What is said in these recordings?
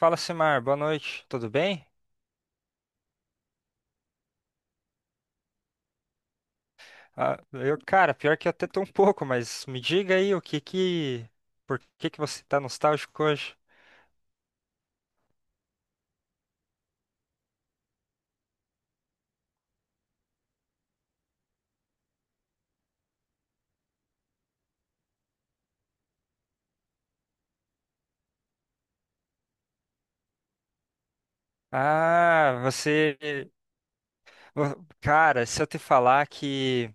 Fala, Simar, boa noite, tudo bem? Ah, eu, cara, pior que eu até tô um pouco, mas me diga aí por que que você tá nostálgico hoje? Ah, cara, se eu te falar que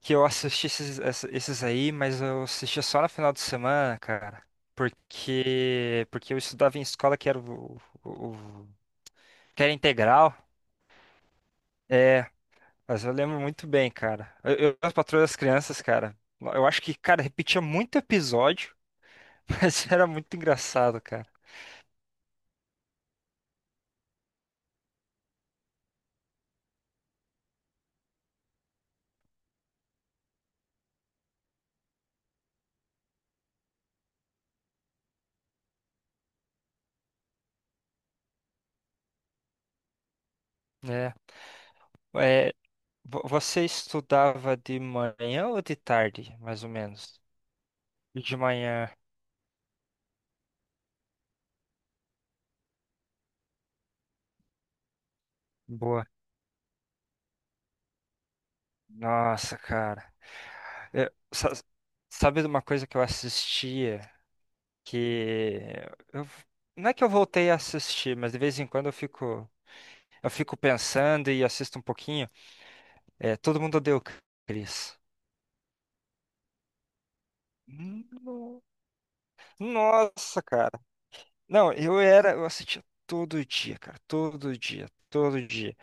que eu assisti esses aí, mas eu assistia só no final de semana, cara, porque eu estudava em escola que era o- que era integral. É, mas eu lembro muito bem, cara. Eu as Patroas das Crianças, cara. Eu acho que, cara, repetia muito episódio, mas era muito engraçado, cara. É. É, você estudava de manhã ou de tarde, mais ou menos? De manhã. Boa. Nossa, cara. Eu- sa- sabe de uma coisa que eu assistia que eu- não é que eu voltei a assistir, mas de vez em quando eu fico pensando e assisto um pouquinho. É, todo mundo odeia o Chris. No- Nossa, cara. Não, eu assistia todo dia, cara, todo dia, todo dia.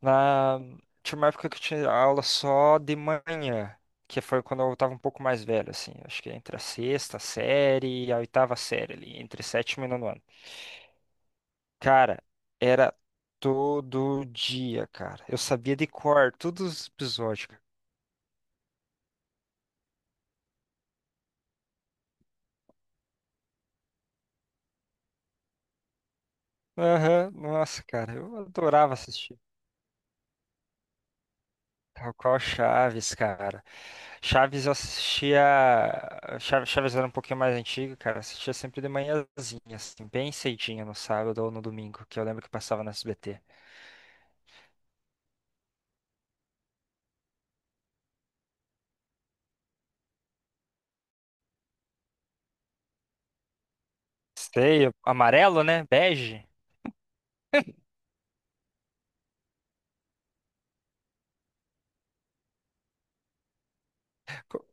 Na, tinha uma época que eu tinha aula só de manhã, que foi quando eu tava um pouco mais velho, assim, acho que entre a sexta série e a oitava série ali, entre sétimo e nono ano. Cara, era todo dia, cara. Eu sabia de cor todos os episódios, cara. Aham, nossa, cara, eu adorava assistir. Qual qual Chaves, cara? Chaves eu assistia. Chaves era um pouquinho mais antigo, cara. Assistia sempre de manhãzinha, assim, bem cedinho no sábado ou no domingo, que eu lembro que passava no SBT. Sei, o- amarelo, né? Bege. Co-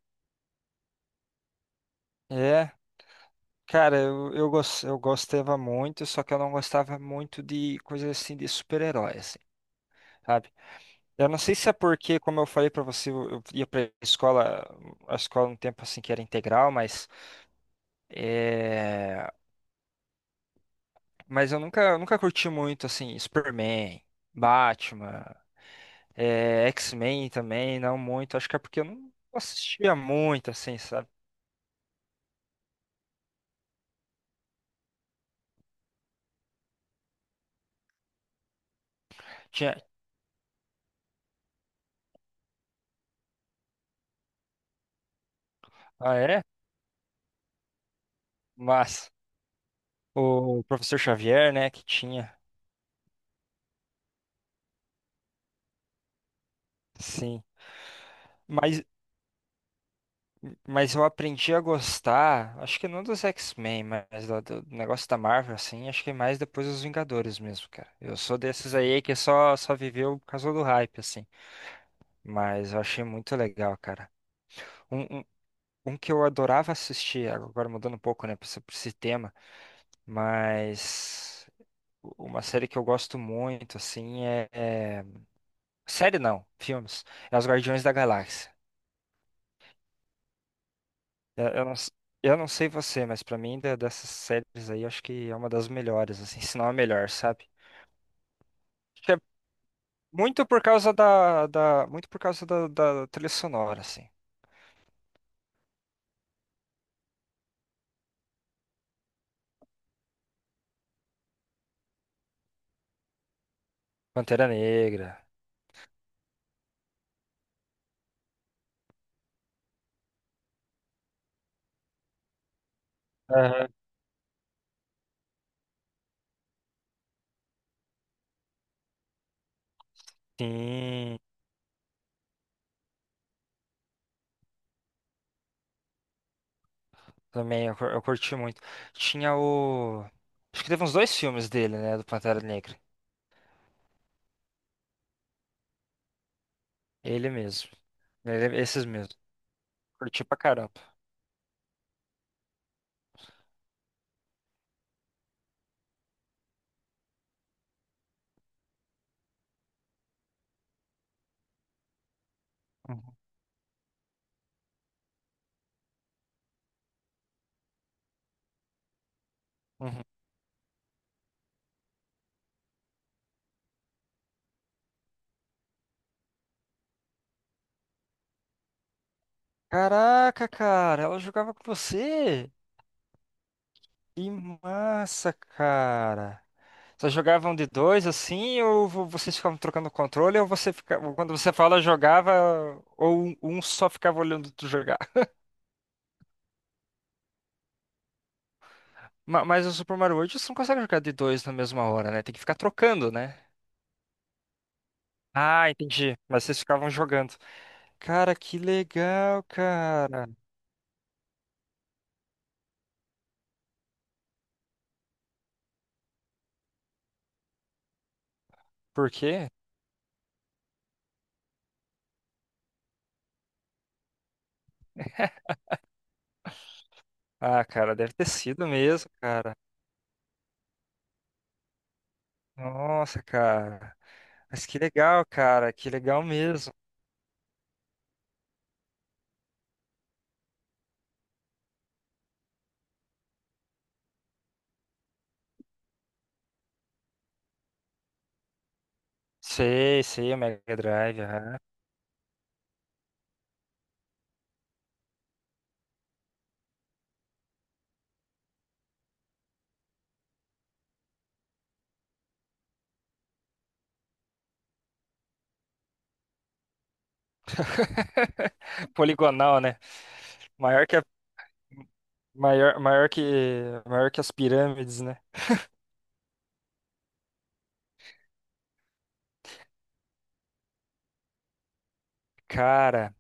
É, cara, eu gostava muito, só que eu não gostava muito de coisas assim de super-herói, assim, sabe? Eu não sei se é porque, como eu falei pra você, eu ia pra escola, a escola um tempo assim que era integral, mas. É. Mas eu nunca curti muito, assim, Superman, Batman, é X-Men também, não muito. Acho que é porque eu não assistia muito, assim, sabe? Tinha... Ah, é? Mas o Professor Xavier, né, que tinha, sim. Mas, mas eu aprendi a gostar, acho que não dos X-Men, mas do negócio da Marvel, assim, acho que mais depois dos Vingadores mesmo, cara. Eu sou desses aí que só, só viveu por causa do hype, assim. Mas eu achei muito legal, cara. um um- Um que eu adorava assistir, agora mudando um pouco, né, pra esse tema, mas uma série que eu gosto muito, assim, série não, filmes. É Os Guardiões da Galáxia. Eu, eu não, s- eu não sei você, mas pra mim, dessas séries aí, eu acho que é uma das melhores, assim, se não a melhor, sabe? Acho que é muito por causa muito por causa da trilha sonora, assim. Pantera Negra. Aham. Sim. Também, eu curti muito. Tinha o. Acho que teve uns dois filmes dele, né? Do Pantera Negra. Ele mesmo. Esses mesmo. Curti pra caramba. Uhum, uhum. Caraca, cara, ela jogava com você? Que massa, cara. Vocês jogavam de dois assim, ou vocês ficavam trocando controle, ou você ficava. Quando você fala jogava, ou um só ficava olhando tu jogar. Mas o Super Mario World você não consegue jogar de dois na mesma hora, né? Tem que ficar trocando, né? Ah, entendi. Mas vocês ficavam jogando. Cara, que legal, cara. Por quê? Ah, cara, deve ter sido mesmo, cara. Nossa, cara. Mas que legal, cara. Que legal mesmo. Sei, sei, o Mega Drive. Aham. Poligonal, né? Maior que a, maior, maior que as pirâmides, né? Cara,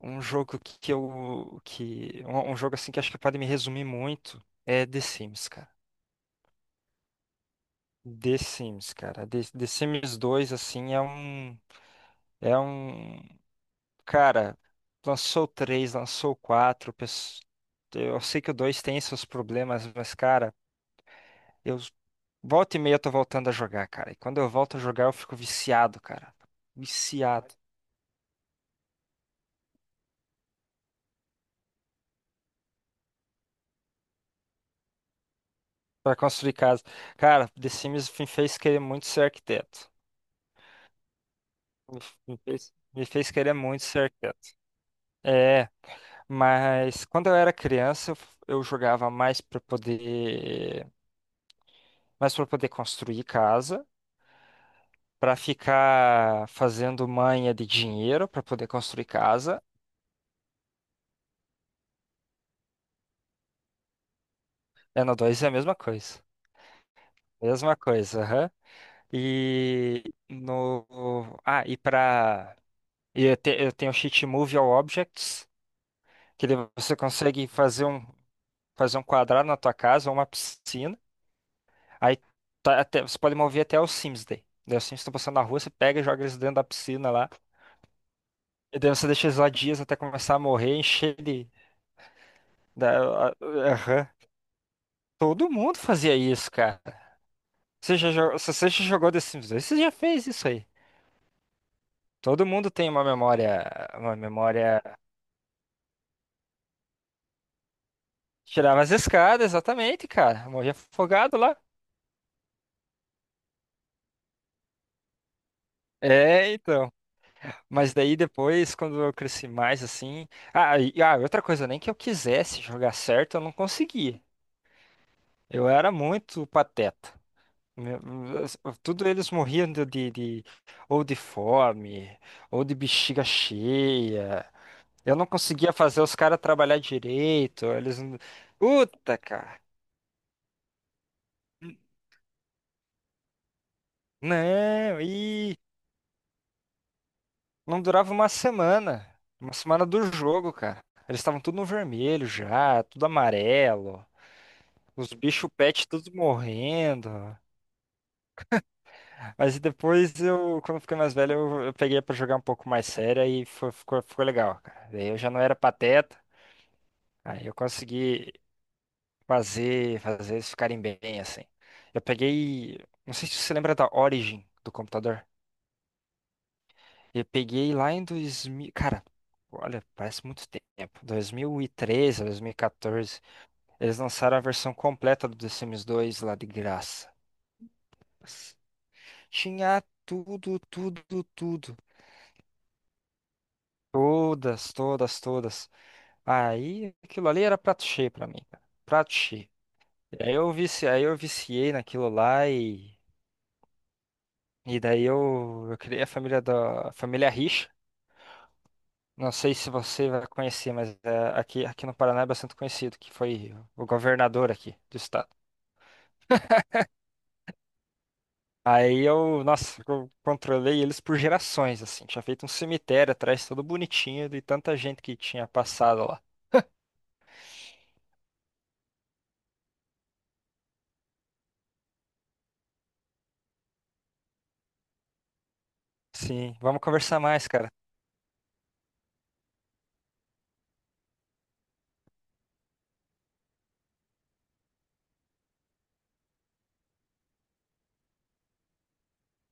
um jogo que um jogo assim que acho que pode me resumir muito é The Sims, cara. The Sims, cara. The Sims dois, assim, é um. É um. Cara, lançou o 3, lançou o 4. Eu sei que o 2 tem seus problemas, mas, cara, eu. Volta e meia eu tô voltando a jogar, cara. E quando eu volto a jogar, eu fico viciado, cara. Viciado. Pra construir casa. Cara, The Sims me fez querer muito ser arquiteto. Me, me fez querer muito ser arquiteto. É. Mas quando eu era criança, eu jogava mais para poder construir casa, para ficar fazendo manha de dinheiro para poder construir casa. É, no dois é a mesma coisa. Mesma coisa, aham. E no ah, e para eu, te, eu tenho o cheat Move All Objects, que você consegue fazer um quadrado na tua casa, ou uma piscina. Aí você pode mover até os Sims daí. Daí os Sims estão passando na rua, você pega e joga eles dentro da piscina lá. E daí você deixa eles lá dias até começar a morrer, encher de. Aham. Todo mundo fazia isso, cara. Você já, se você já jogou The Sims 2, você já fez isso aí. Todo mundo tem uma memória. Uma memória. Tirava as escadas, exatamente, cara. Morria afogado lá. É, então. Mas daí depois, quando eu cresci mais assim. Ah, e, ah, outra coisa, nem que eu quisesse jogar certo, eu não conseguia. Eu era muito pateta. Meu- tudo eles morriam ou de fome, ou de bexiga cheia. Eu não conseguia fazer os caras trabalhar direito. Eles. Puta, cara. Não, e não durava uma semana. Uma semana do jogo, cara. Eles estavam tudo no vermelho já, tudo amarelo. Os bichos pet tudo morrendo. Mas depois eu, quando eu fiquei mais velho, eu peguei pra jogar um pouco mais sério e ficou, ficou legal, cara. Daí eu já não era pateta, aí eu consegui fazer, fazer eles ficarem bem, assim. Eu peguei, não sei se você lembra da Origin do computador. Eu peguei lá em 2000, cara, olha, parece muito tempo. 2013, 2014, eles lançaram a versão completa do The Sims 2 lá de graça. Tinha tudo, tudo, tudo. Todas, todas, todas. Aí aquilo ali era prato cheio pra mim, cara. Prato cheio. E aí eu vici, aí eu viciei naquilo lá e daí eu criei a família da a família Rixa. Não sei se você vai conhecer, mas é, aqui aqui no Paraná é bastante conhecido, que foi o governador aqui do estado. Aí eu, nossa, eu controlei eles por gerações, assim. Tinha feito um cemitério atrás, todo bonitinho, de tanta gente que tinha passado lá. Sim, vamos conversar mais, cara.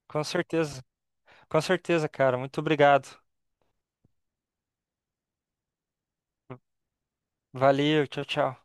Com certeza, com certeza, cara. Muito obrigado. Valeu, tchau, tchau.